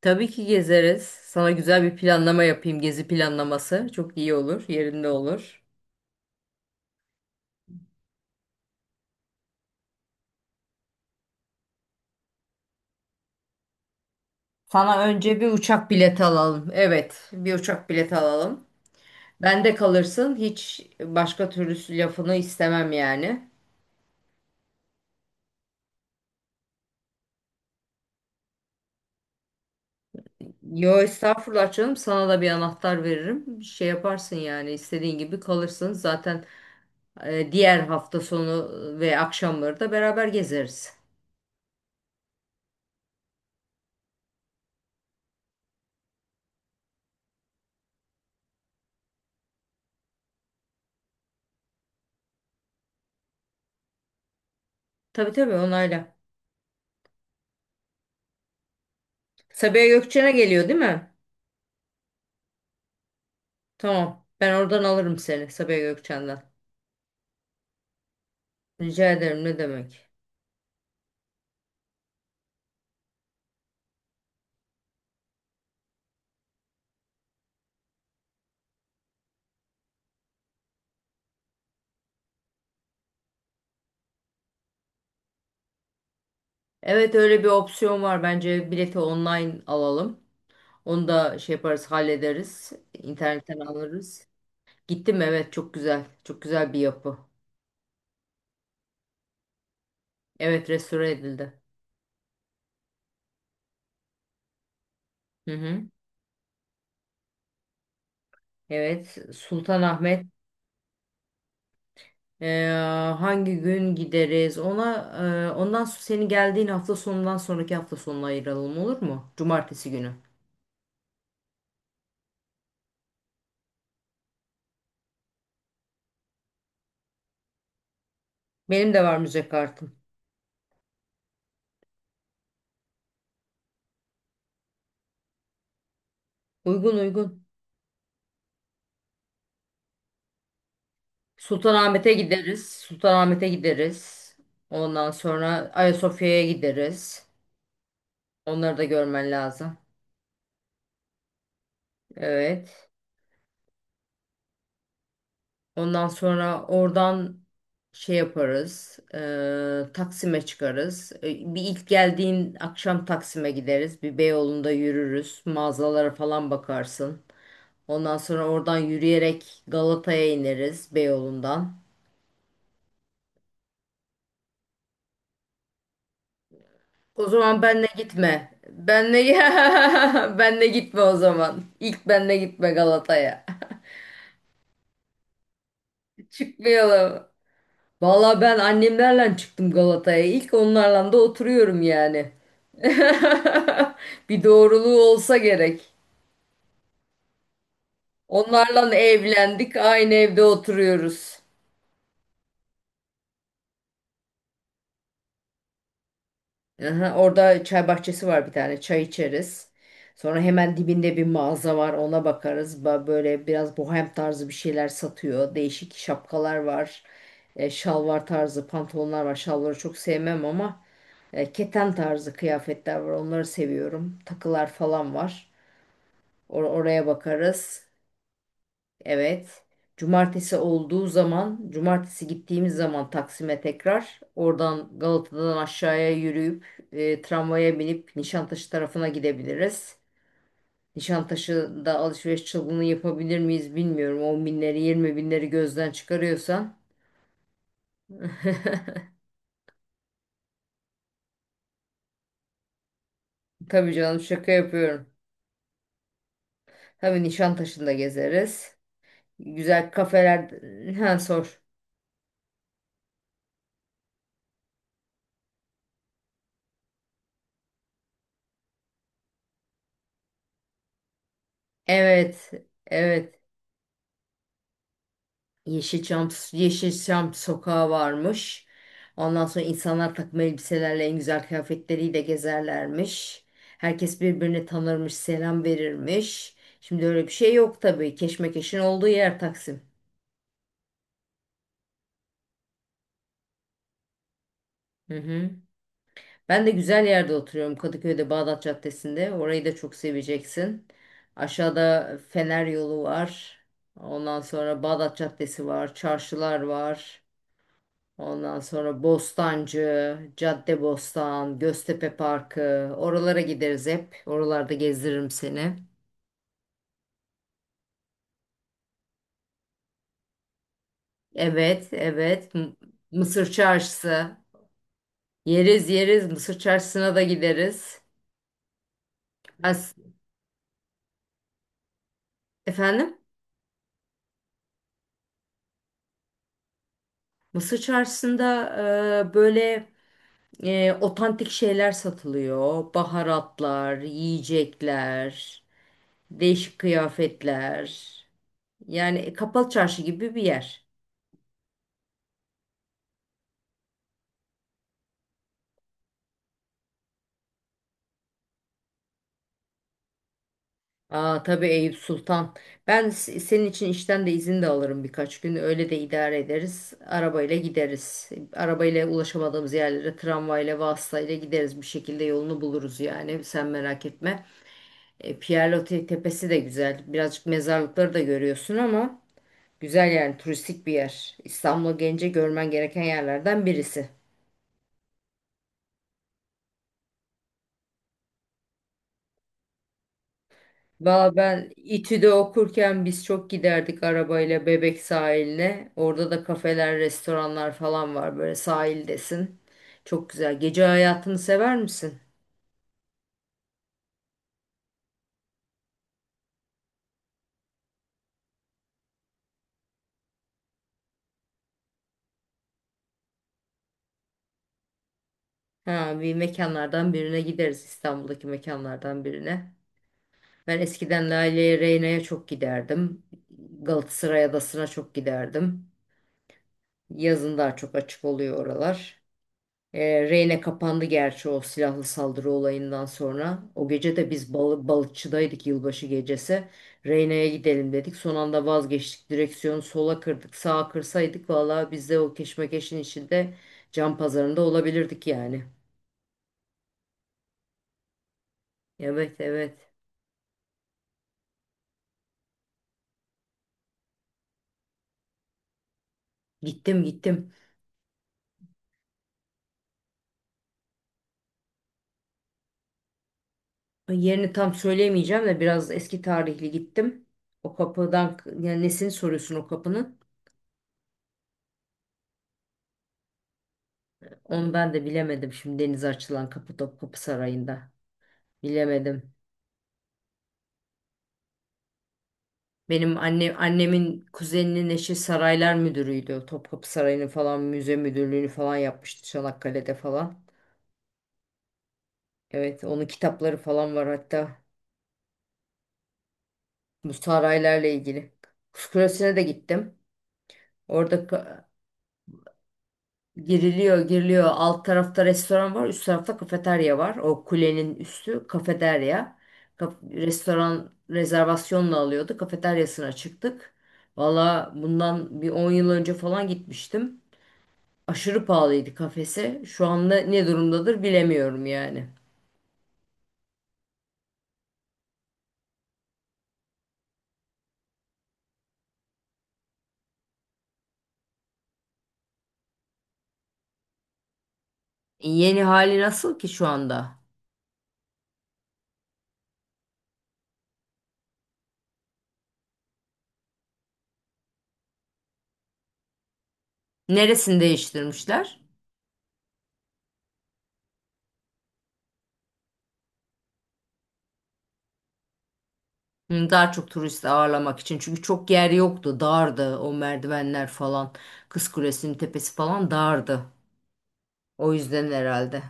Tabii ki gezeriz. Sana güzel bir planlama yapayım. Gezi planlaması. Çok iyi olur. Yerinde olur. Sana önce bir uçak bileti alalım. Evet, bir uçak bileti alalım. Bende kalırsın. Hiç başka türlü lafını istemem yani. Yo estağfurullah canım. Sana da bir anahtar veririm. Şey yaparsın yani istediğin gibi kalırsın. Zaten diğer hafta sonu ve akşamları da beraber gezeriz. Tabii tabii onayla. Sabiha Gökçen'e geliyor değil mi? Tamam. Ben oradan alırım seni Sabiha Gökçen'den. Rica ederim ne demek. Evet öyle bir opsiyon var. Bence bileti online alalım. Onu da şey yaparız hallederiz. İnternetten alırız. Gittim evet çok güzel. Çok güzel bir yapı. Evet restore edildi. Hı hı. Evet Sultanahmet. Ee, Hangi gün gideriz? Ona ondan sonra senin geldiğin hafta sonundan sonraki hafta sonuna ayıralım olur mu? Cumartesi günü. Benim de var müze kartım. Uygun uygun. Sultanahmet'e gideriz. Sultanahmet'e gideriz. Ondan sonra Ayasofya'ya gideriz. Onları da görmen lazım. Evet. Ondan sonra oradan şey yaparız. Taksim'e çıkarız. Bir ilk geldiğin akşam Taksim'e gideriz. Bir Beyoğlu'nda yürürüz. Mağazalara falan bakarsın. Ondan sonra oradan yürüyerek Galata'ya ineriz Beyoğlu'ndan. O zaman benle gitme. Benle benle gitme o zaman. İlk benle gitme Galata'ya. Çıkmayalım. Valla ben annemlerle çıktım Galata'ya. İlk onlarla da oturuyorum yani. Bir doğruluğu olsa gerek. Onlarla evlendik, aynı evde oturuyoruz. Aha, orada çay bahçesi var bir tane. Çay içeriz. Sonra hemen dibinde bir mağaza var. Ona bakarız. Böyle biraz bohem tarzı bir şeyler satıyor. Değişik şapkalar var. Şalvar tarzı pantolonlar var. Şalvarı çok sevmem ama keten tarzı kıyafetler var. Onları seviyorum. Takılar falan var. Oraya bakarız. Evet. Cumartesi olduğu zaman, cumartesi gittiğimiz zaman Taksim'e tekrar oradan Galata'dan aşağıya yürüyüp tramvaya binip Nişantaşı tarafına gidebiliriz. Nişantaşı'nda alışveriş çılgınlığı yapabilir miyiz bilmiyorum. 10 binleri 20 binleri gözden çıkarıyorsan. Tabii canım şaka yapıyorum. Tabii Nişantaşı'nda gezeriz. Güzel kafeler... Ha sor. Evet. Evet. Yeşilçam, Yeşilçam sokağı varmış. Ondan sonra insanlar takım elbiselerle en güzel kıyafetleriyle gezerlermiş. Herkes birbirini tanırmış, selam verirmiş. Şimdi öyle bir şey yok tabii. Keşmekeşin olduğu yer Taksim. Hı hı. Ben de güzel yerde oturuyorum Kadıköy'de Bağdat Caddesi'nde. Orayı da çok seveceksin. Aşağıda Fener yolu var. Ondan sonra Bağdat Caddesi var, çarşılar var. Ondan sonra Bostancı, Caddebostan, Göztepe Parkı. Oralara gideriz hep. Oralarda gezdiririm seni. Evet, evet. Mısır Çarşısı. Yeriz yeriz. Mısır Çarşısı'na da gideriz. Ben s- Efendim? Mısır Çarşısı'nda böyle otantik şeyler satılıyor. Baharatlar, yiyecekler, değişik kıyafetler. Yani kapalı çarşı gibi bir yer. Aa tabii Eyüp Sultan. Senin için işten de izin de alırım birkaç gün. Öyle de idare ederiz. Arabayla gideriz. Arabayla ulaşamadığımız yerlere tramvayla, vasıtayla gideriz. Bir şekilde yolunu buluruz yani. Sen merak etme. Pierre Tepesi de güzel. Birazcık mezarlıkları da görüyorsun ama güzel yani turistik bir yer. İstanbul'a gelince görmen gereken yerlerden birisi. Valla ben İTÜ'de okurken biz çok giderdik arabayla Bebek sahiline. Orada da kafeler, restoranlar falan var böyle sahildesin. Çok güzel. Gece hayatını sever misin? Ha, bir mekanlardan birine gideriz. İstanbul'daki mekanlardan birine. Ben eskiden Lale'ye, Reyna'ya çok giderdim. Galatasaray Adası'na çok giderdim. Yazın daha çok açık oluyor oralar. Reyne kapandı gerçi o silahlı saldırı olayından sonra. O gece de biz balıkçıdaydık yılbaşı gecesi. Reyne'ye gidelim dedik. Son anda vazgeçtik. Direksiyonu sola kırdık. Sağa kırsaydık valla biz de o keşmekeşin içinde can pazarında olabilirdik yani. Evet evet. Gittim gittim. Yerini tam söyleyemeyeceğim de biraz eski tarihli gittim. O kapıdan yani nesini soruyorsun o kapının? Onu ben de bilemedim şimdi denize açılan kapı Topkapı Sarayı'nda. Bilemedim. Annemin kuzeninin eşi saraylar müdürüydü. Topkapı Sarayı'nı falan müze müdürlüğünü falan yapmıştı Çanakkale'de falan. Evet onun kitapları falan var hatta bu saraylarla ilgili. Kuşkulesi'ne de gittim. Orada giriliyor giriliyor alt tarafta restoran var üst tarafta kafeterya var. O kulenin üstü kafeterya. Restoran rezervasyonla alıyordu kafeteryasına çıktık. Valla bundan bir 10 yıl önce falan gitmiştim. Aşırı pahalıydı kafesi. Şu anda ne durumdadır bilemiyorum yani. Yeni hali nasıl ki şu anda? Neresini değiştirmişler? Hı, daha çok turist ağırlamak için. Çünkü çok yer yoktu. Dardı o merdivenler falan. Kız Kulesi'nin tepesi falan dardı. O yüzden herhalde.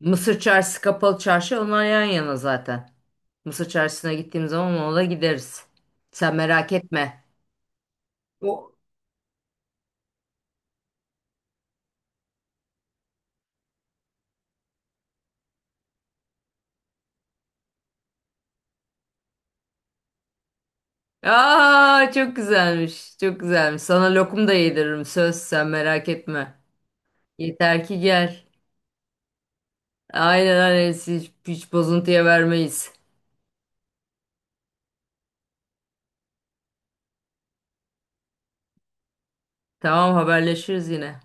Mısır Çarşısı kapalı çarşı onlar yan yana zaten. Mısır Çarşısı'na gittiğim zaman ona da gideriz. Sen merak etme. O aa çok güzelmiş. Çok güzelmiş. Sana lokum da yediririm. Söz sen merak etme. Yeter ki gel. Aynen aynen hiç bozuntuya vermeyiz. Tamam haberleşiriz yine.